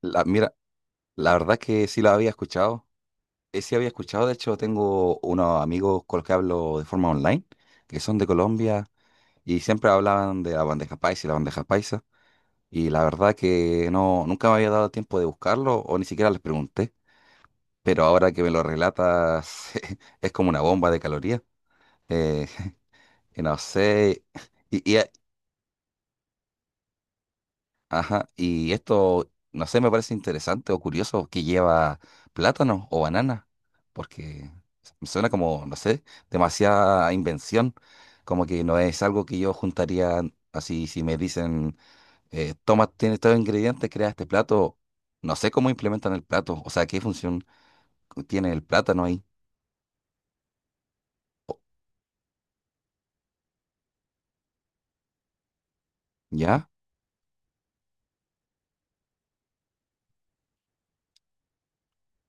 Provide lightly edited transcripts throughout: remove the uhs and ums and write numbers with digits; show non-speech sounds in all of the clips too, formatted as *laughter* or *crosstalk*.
La, mira, la verdad que sí la había escuchado. Sí había escuchado, de hecho tengo unos amigos con los que hablo de forma online, que son de Colombia y siempre hablaban de la bandeja paisa y la bandeja paisa. Y la verdad que no, nunca me había dado tiempo de buscarlo o ni siquiera les pregunté. Pero ahora que me lo relatas, *laughs* es como una bomba de calorías. Eh, *laughs* y no sé. Y, y, Ajá, y esto, no sé, me parece interesante o curioso que lleva plátano o banana, porque me suena como, no sé, demasiada invención, como que no es algo que yo juntaría así, si me dicen, toma, tiene estos ingredientes, crea este plato, no sé cómo implementan el plato, o sea, qué función tiene el plátano ahí. O- ¿Ya?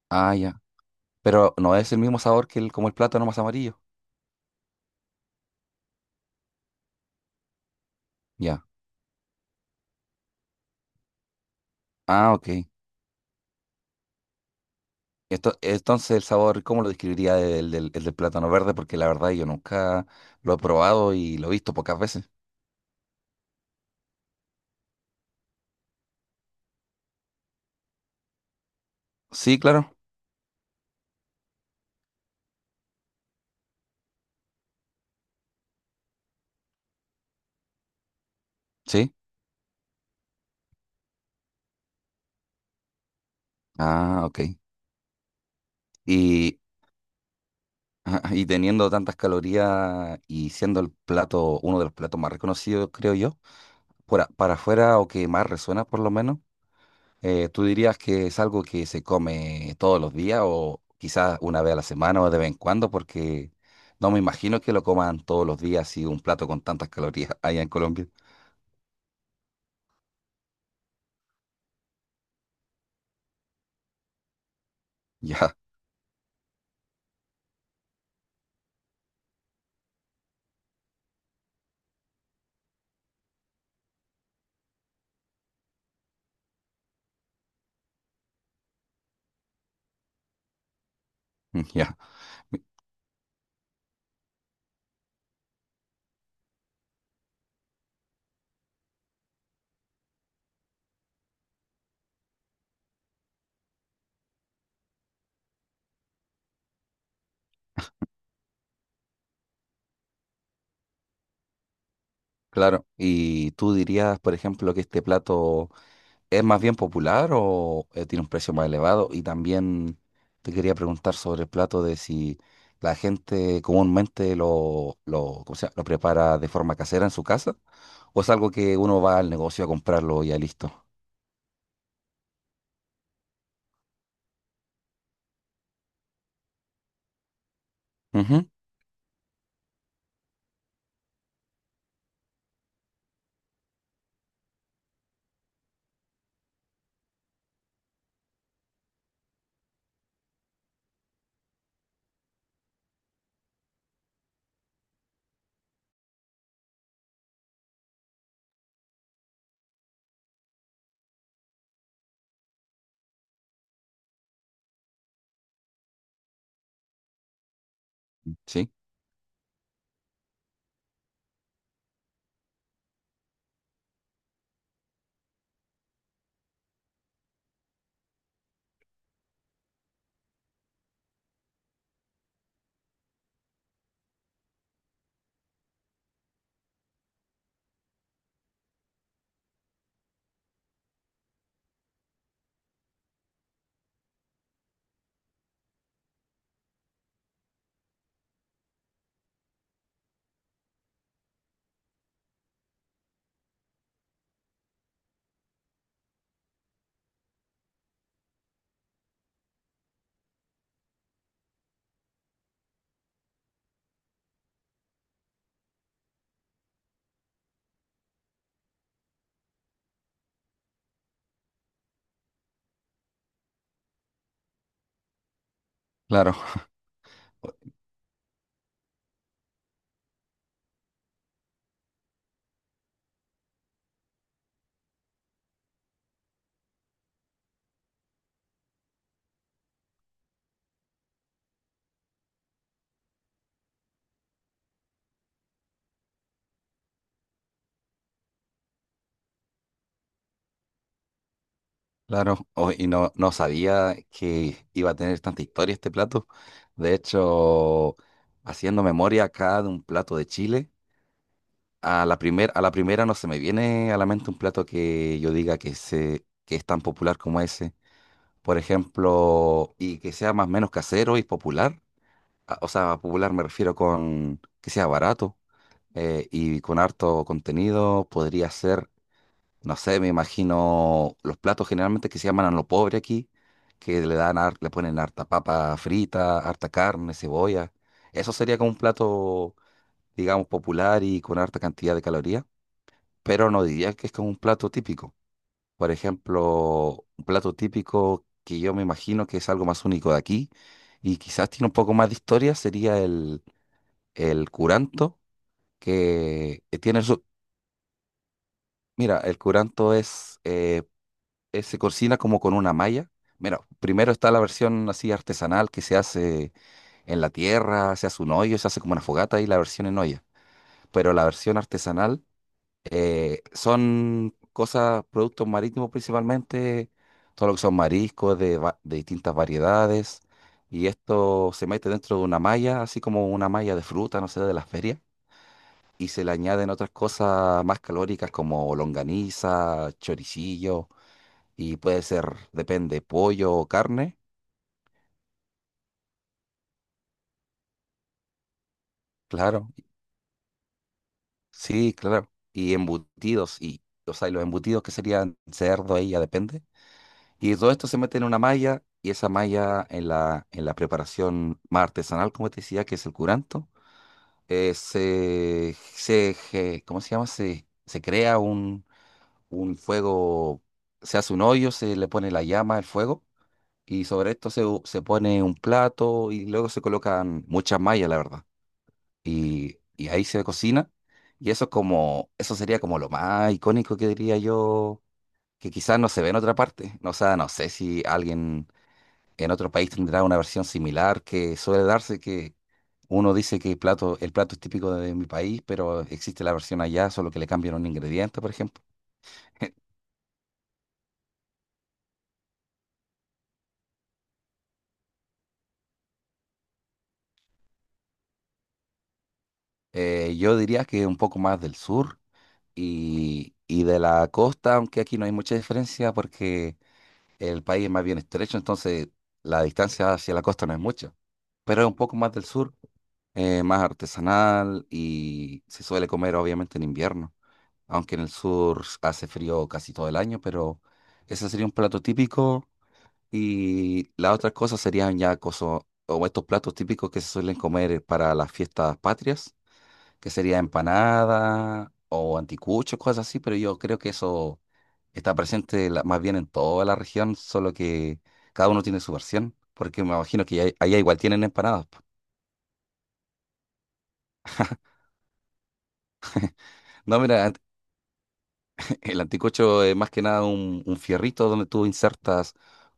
Ah, ya, pero no es el mismo sabor que el, como el plátano más amarillo. Ya, ah, ok. Entonces, el sabor, ¿cómo lo describiría el del plátano verde? Porque la verdad yo nunca lo he probado y lo he visto pocas veces. Sí, claro, sí. Ah, ok. Y, *laughs* y teniendo tantas calorías y siendo el plato, uno de los platos más reconocidos, creo yo, por para afuera o que más resuena por lo menos, ¿tú dirías que es algo que se come todos los días o quizás una vez a la semana o de vez en cuando? Porque no me imagino que lo coman todos los días y un plato con tantas calorías allá en Colombia. Ya, *laughs* ya, claro. ¿Y tú dirías, por ejemplo, que este plato es más bien popular o tiene un precio más elevado? Y también te quería preguntar sobre el plato de si la gente comúnmente ¿cómo se llama? Lo prepara de forma casera en su casa o es algo que uno va al negocio a comprarlo y ya listo. Ujú, sí, claro. Claro, y no, no sabía que iba a tener tanta historia este plato. De hecho, haciendo memoria acá de un plato de Chile, a la primer, a la primera no se me viene a la mente un plato que yo diga que, se, que es tan popular como ese. Por ejemplo, y que sea más o menos casero y popular. O sea, popular me refiero con que sea barato, y con harto contenido. Podría ser, no sé, me imagino los platos generalmente que se llaman a lo pobre aquí, que le dan, le ponen harta papa frita, harta carne, cebolla. Eso sería como un plato, digamos, popular y con harta cantidad de calorías, pero no diría que es como un plato típico. Por ejemplo, un plato típico que yo me imagino que es algo más único de aquí y quizás tiene un poco más de historia sería el curanto, que tiene su... Mira, el curanto es se cocina como con una malla. Mira, primero está la versión así artesanal que se hace en la tierra, se hace un hoyo, se hace como una fogata y la versión en olla. Pero la versión artesanal, son cosas, productos marítimos principalmente, todo lo que son mariscos de, de distintas variedades. Y esto se mete dentro de una malla, así como una malla de fruta, no sé, de las ferias. Y se le añaden otras cosas más calóricas como longaniza, choricillo y puede ser, depende, pollo o carne, claro, sí, claro, y embutidos, y, o sea, y los embutidos que serían cerdo, ahí ya depende. Y todo esto se mete en una malla, y esa malla en la preparación más artesanal, como te decía, que es el curanto, ¿cómo se llama? Se crea un fuego, se hace un hoyo, se le pone la llama, el fuego, y sobre esto se, se pone un plato, y luego se colocan muchas mallas, la verdad, y ahí se cocina. Y eso es como, eso sería como lo más icónico que diría yo, que quizás no se ve en otra parte. O sea, no sé si alguien en otro país tendrá una versión similar que suele darse, que uno dice que el plato es típico de mi país, pero existe la versión allá, solo que le cambian un ingrediente, por ejemplo. *laughs* Yo diría que un poco más del sur y de la costa, aunque aquí no hay mucha diferencia porque el país es más bien estrecho, entonces la distancia hacia la costa no es mucha. Pero es un poco más del sur, más artesanal y se suele comer obviamente en invierno. Aunque en el sur hace frío casi todo el año, pero ese sería un plato típico. Y las otras cosas serían ya cosas, o estos platos típicos que se suelen comer para las fiestas patrias, que sería empanada o anticucho, cosas así, pero yo creo que eso está presente más bien en toda la región, solo que cada uno tiene su versión, porque me imagino que allá igual tienen empanadas. Po. No, mira, *laughs* el anticocho es más que nada un, un fierrito donde tú insertas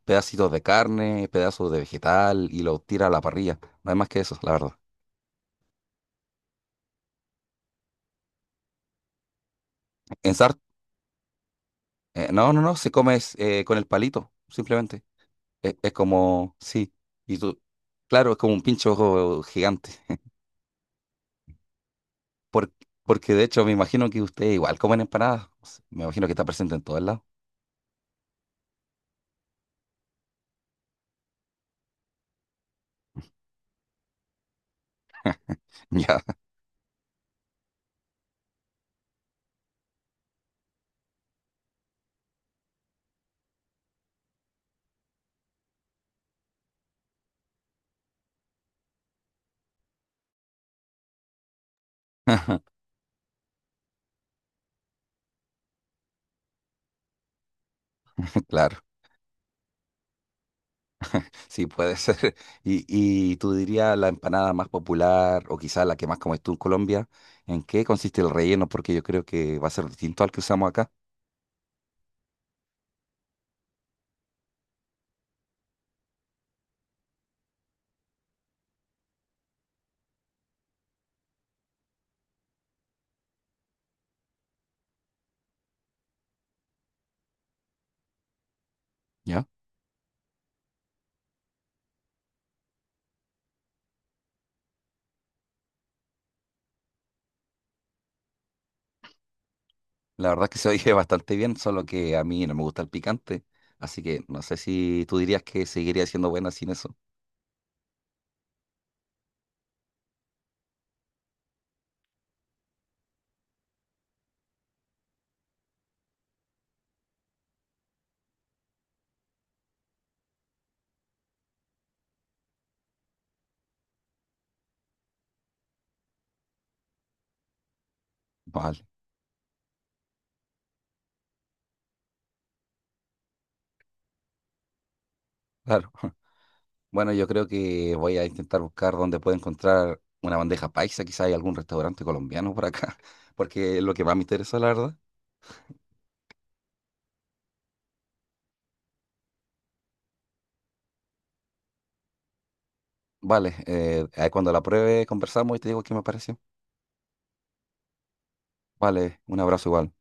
pedacitos de carne, pedazos de vegetal y lo tiras a la parrilla. No hay más que eso, la verdad. En sar- no, no, no, se come es, con el palito, simplemente. Es como, sí, y tú, claro, es como un pincho gigante. Por- Porque de hecho me imagino que ustedes igual comen empanadas. Me imagino que está presente en todos lados. *laughs* Ya, *laughs* claro, sí puede ser. *laughs* Y, y tú dirías la empanada más popular o quizás la que más comes tú en Colombia, ¿en qué consiste el relleno? Porque yo creo que va a ser distinto al que usamos acá. Ya. La verdad es que se oye *laughs* bastante bien, solo que a mí no me gusta el picante. Así que no sé si tú dirías que seguiría siendo buena sin eso. Vale, claro. Bueno, yo creo que voy a intentar buscar dónde puedo encontrar una bandeja paisa, quizá hay algún restaurante colombiano por acá, *laughs* porque es lo que más me interesó, la verdad. Vale, ahí cuando la pruebe conversamos y te digo qué me pareció. Vale, un abrazo igual.